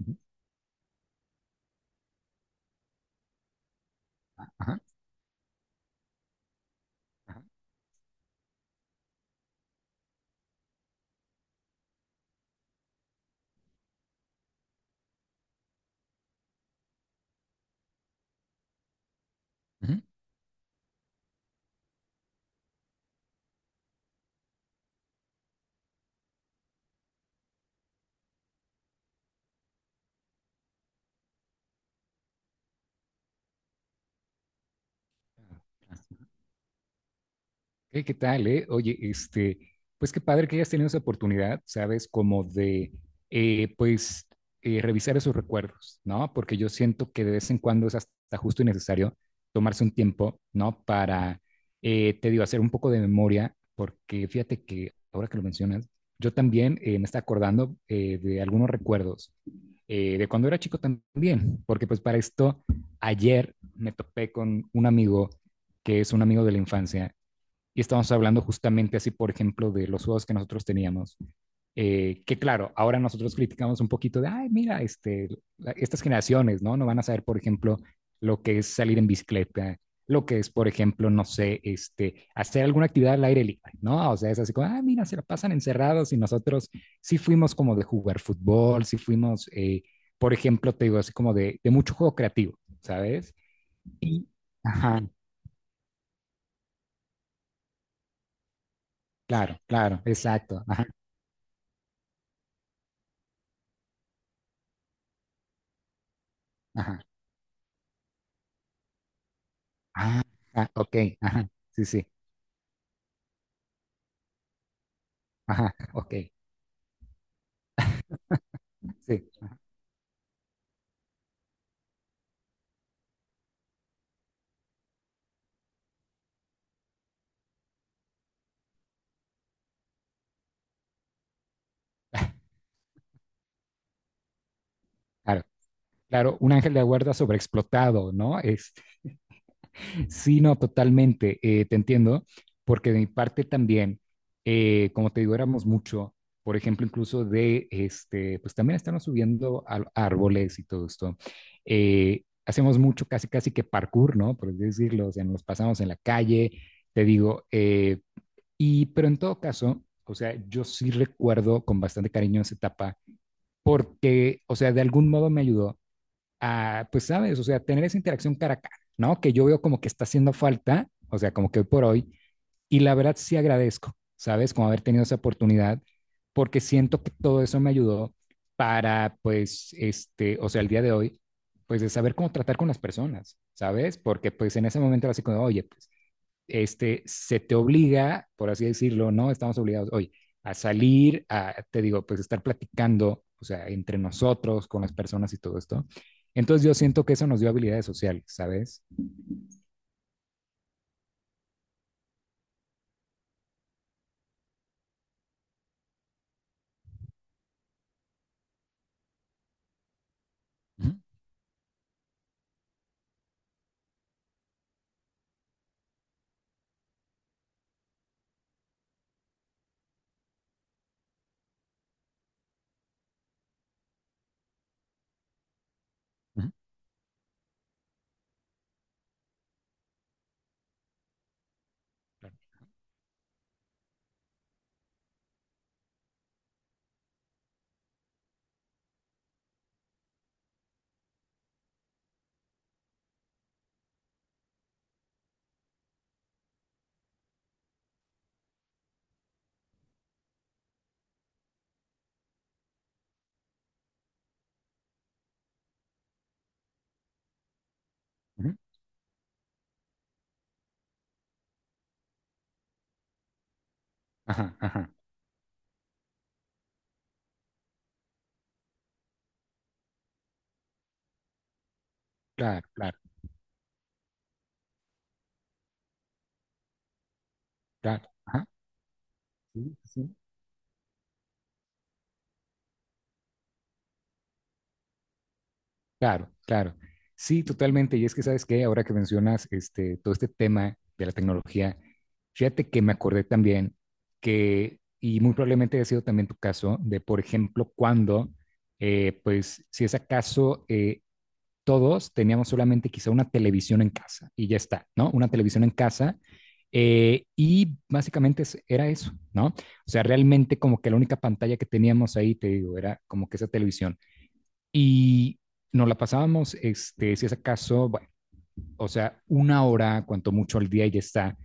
Ujú, ajá, ajá, ujú. Hey, ¿qué tal, eh? Oye, este, pues qué padre que hayas tenido esa oportunidad, ¿sabes? Como de, pues, revisar esos recuerdos, ¿no? Porque yo siento que de vez en cuando es hasta justo y necesario tomarse un tiempo, ¿no? Para, te digo, hacer un poco de memoria, porque fíjate que ahora que lo mencionas, yo también me está acordando de algunos recuerdos de cuando era chico también, porque pues para esto, ayer me topé con un amigo que es un amigo de la infancia y estamos hablando justamente así, por ejemplo, de los juegos que nosotros teníamos. Que claro, ahora nosotros criticamos un poquito de, ay, mira, este, estas generaciones, ¿no? No van a saber, por ejemplo, lo que es salir en bicicleta, lo que es, por ejemplo, no sé, este, hacer alguna actividad al aire libre, ¿no? O sea, es así como, ah, mira, se la pasan encerrados y nosotros sí fuimos como de jugar fútbol, sí fuimos, por ejemplo, te digo, así como de mucho juego creativo, ¿sabes? Y, ajá, claro, claro, exacto, ajá, ajá. Ah, ah, ok, ajá, sí, sí, ajá, ok, sí, claro, claro, un ángel de la guarda sobreexplotado, ¿no? Es, sí, no, totalmente, te entiendo, porque de mi parte también, como te digo, éramos mucho, por ejemplo, incluso de, este, pues también estamos subiendo a árboles y todo esto, hacemos mucho, casi, casi que parkour, ¿no? Por así decirlo, o sea, nos pasamos en la calle, te digo, y, pero en todo caso, o sea, yo sí recuerdo con bastante cariño esa etapa porque, o sea, de algún modo me ayudó a, pues, sabes, o sea, tener esa interacción cara a cara, ¿no? Que yo veo como que está haciendo falta, o sea, como que hoy por hoy, y la verdad sí agradezco, ¿sabes? Como haber tenido esa oportunidad, porque siento que todo eso me ayudó para, pues, este, o sea, el día de hoy, pues, de saber cómo tratar con las personas, ¿sabes? Porque, pues, en ese momento era así como, oye, pues, este, se te obliga, por así decirlo, ¿no? Estamos obligados hoy a salir, a, te digo, pues estar platicando, o sea, entre nosotros, con las personas y todo esto. Entonces yo siento que eso nos dio habilidades sociales, ¿sabes? Ujú, ujú, ujú. Ajá, ajá, claro, claro, claro. Ajá, sí, sí, claro, claro. Sí, totalmente. Y es que, ¿sabes qué? Ahora que mencionas este, todo este tema de la tecnología, fíjate que me acordé también que, y muy probablemente ha sido también tu caso, de, por ejemplo, cuando, pues, si es acaso, todos teníamos solamente quizá una televisión en casa y ya está, ¿no? Una televisión en casa. Y básicamente era eso, ¿no? O sea, realmente como que la única pantalla que teníamos ahí, te digo, era como que esa televisión. Y nos la pasábamos, este, si es acaso, bueno, o sea, una hora, cuanto mucho al día y ya está,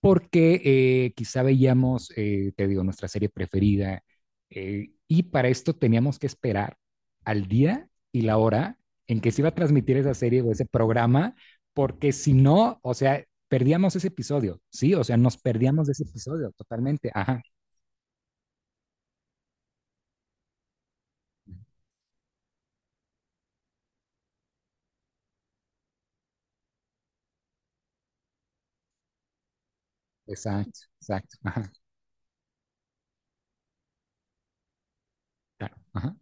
porque quizá veíamos, te digo, nuestra serie preferida, y para esto teníamos que esperar al día y la hora en que se iba a transmitir esa serie o ese programa, porque si no, o sea, perdíamos ese episodio, ¿sí? O sea, nos perdíamos de ese episodio totalmente. Ajá, exacto, exacto, ajá, claro, ajá.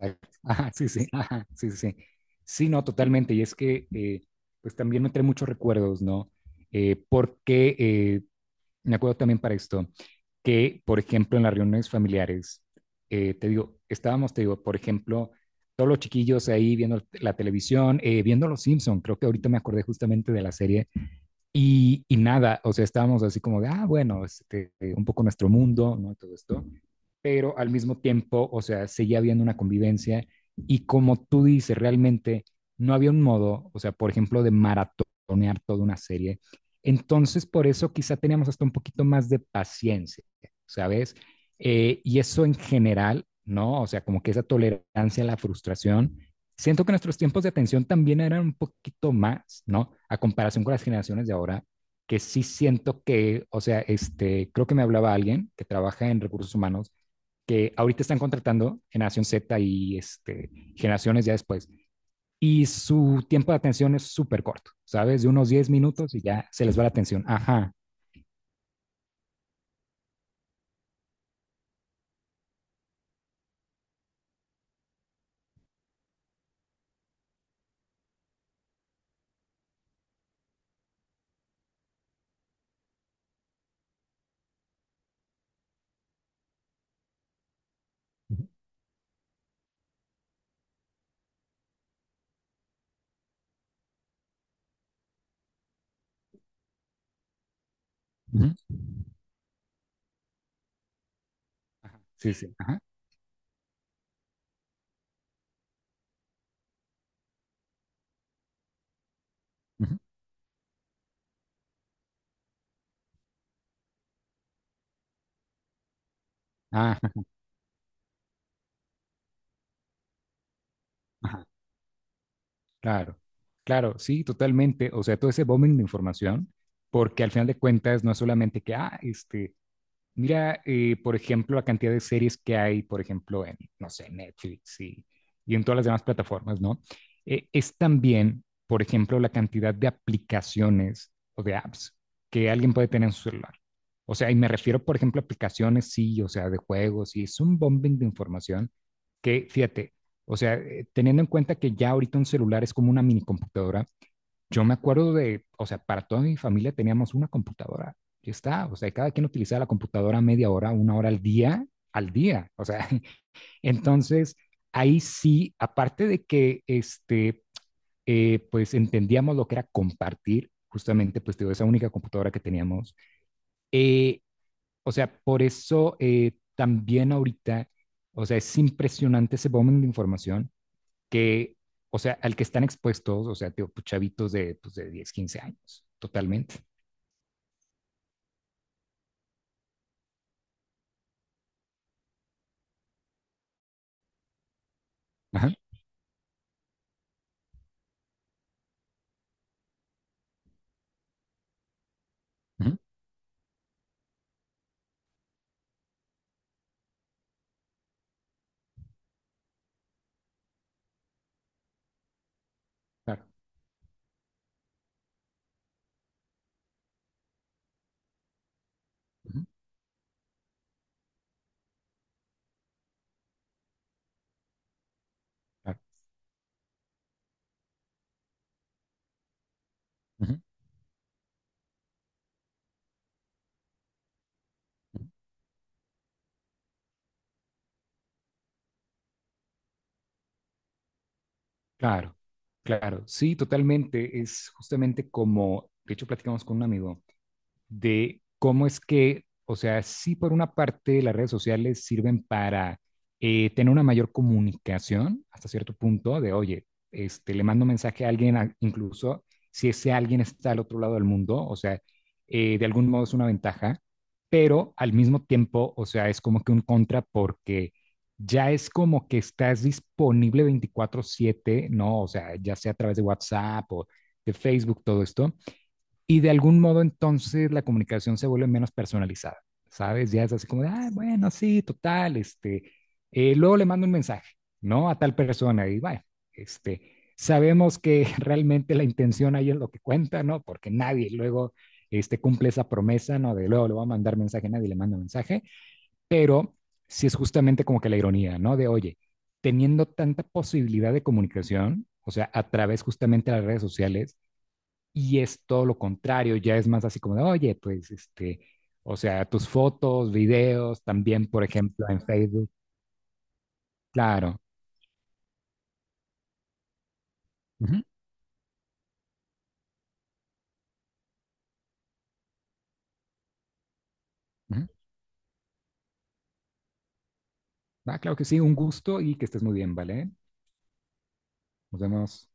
Exacto. Ajá, sí, sí, ajá, sí, sí. Sí, sí, no, totalmente. Y es que, pues también me trae muchos recuerdos, ¿no? Porque me acuerdo también para esto, que, por ejemplo, en las reuniones familiares, te digo, estábamos, te digo, por ejemplo, todos los chiquillos ahí viendo la televisión, viendo Los Simpson, creo que ahorita me acordé justamente de la serie, y nada, o sea, estábamos así como de, ah, bueno, este, un poco nuestro mundo, ¿no? Todo esto, pero al mismo tiempo, o sea, seguía habiendo una convivencia y como tú dices, realmente no había un modo, o sea, por ejemplo, de maratonear toda una serie. Entonces, por eso quizá teníamos hasta un poquito más de paciencia, ¿sabes? Y eso en general, ¿no? O sea, como que esa tolerancia a la frustración. Siento que nuestros tiempos de atención también eran un poquito más, ¿no? A comparación con las generaciones de ahora, que sí siento que, o sea, este, creo que me hablaba alguien que trabaja en recursos humanos que ahorita están contratando generación Z y este, generaciones ya después. Y su tiempo de atención es súper corto, ¿sabes? De unos 10 minutos y ya se les va la atención. Ajá. Ujú. Ajá. Sí, sí. Ajá. Ujú. Ajá. Ajá. Claro. Claro, sí, totalmente. O sea, todo ese bombing de información, porque al final de cuentas no es solamente que, ah, este, mira, por ejemplo, la cantidad de series que hay, por ejemplo, en, no sé, Netflix y en todas las demás plataformas, ¿no? Es también, por ejemplo, la cantidad de aplicaciones o de apps que alguien puede tener en su celular. O sea, y me refiero, por ejemplo, a aplicaciones, sí, o sea, de juegos, y es un bombing de información que, fíjate, o sea, teniendo en cuenta que ya ahorita un celular es como una minicomputadora, yo me acuerdo de, o sea, para toda mi familia teníamos una computadora. Ya está, o sea, cada quien utilizaba la computadora media hora, una hora al día, al día. O sea, entonces ahí sí, aparte de que este, pues entendíamos lo que era compartir, justamente, pues digo, esa única computadora que teníamos. Eh, o sea, por eso también ahorita, o sea, es impresionante ese volumen de información que, o sea, al que están expuestos, o sea, tío, pues, chavitos de, pues, de 10, 15 años, totalmente. Ajá, ujú, claro, ujú, claro, ujú, ujú, claro, claro, sí, totalmente. Es justamente como, de hecho, platicamos con un amigo de cómo es que, o sea, sí por una parte las redes sociales sirven para tener una mayor comunicación hasta cierto punto de, oye, este, le mando un mensaje a alguien, incluso si ese alguien está al otro lado del mundo, o sea, de algún modo es una ventaja, pero al mismo tiempo, o sea, es como que un contra porque ya es como que estás disponible 24/7, ¿no? O sea, ya sea a través de WhatsApp o de Facebook, todo esto. Y de algún modo entonces la comunicación se vuelve menos personalizada, ¿sabes? Ya es así como de, ah, bueno, sí, total, este, luego le mando un mensaje, ¿no? A tal persona y bueno, este, sabemos que realmente la intención ahí es lo que cuenta, ¿no? Porque nadie luego este, cumple esa promesa, ¿no? De luego le va a mandar mensaje, nadie le manda mensaje, pero si sí es justamente como que la ironía, ¿no? De, oye, teniendo tanta posibilidad de comunicación, o sea, a través justamente de las redes sociales, y es todo lo contrario, ya es más así como de, oye, pues este, o sea, tus fotos, videos, también, por ejemplo, en Facebook. Claro. Ujú, ujú. Ah, claro que sí, un gusto y que estés muy bien, ¿vale? Nos vemos.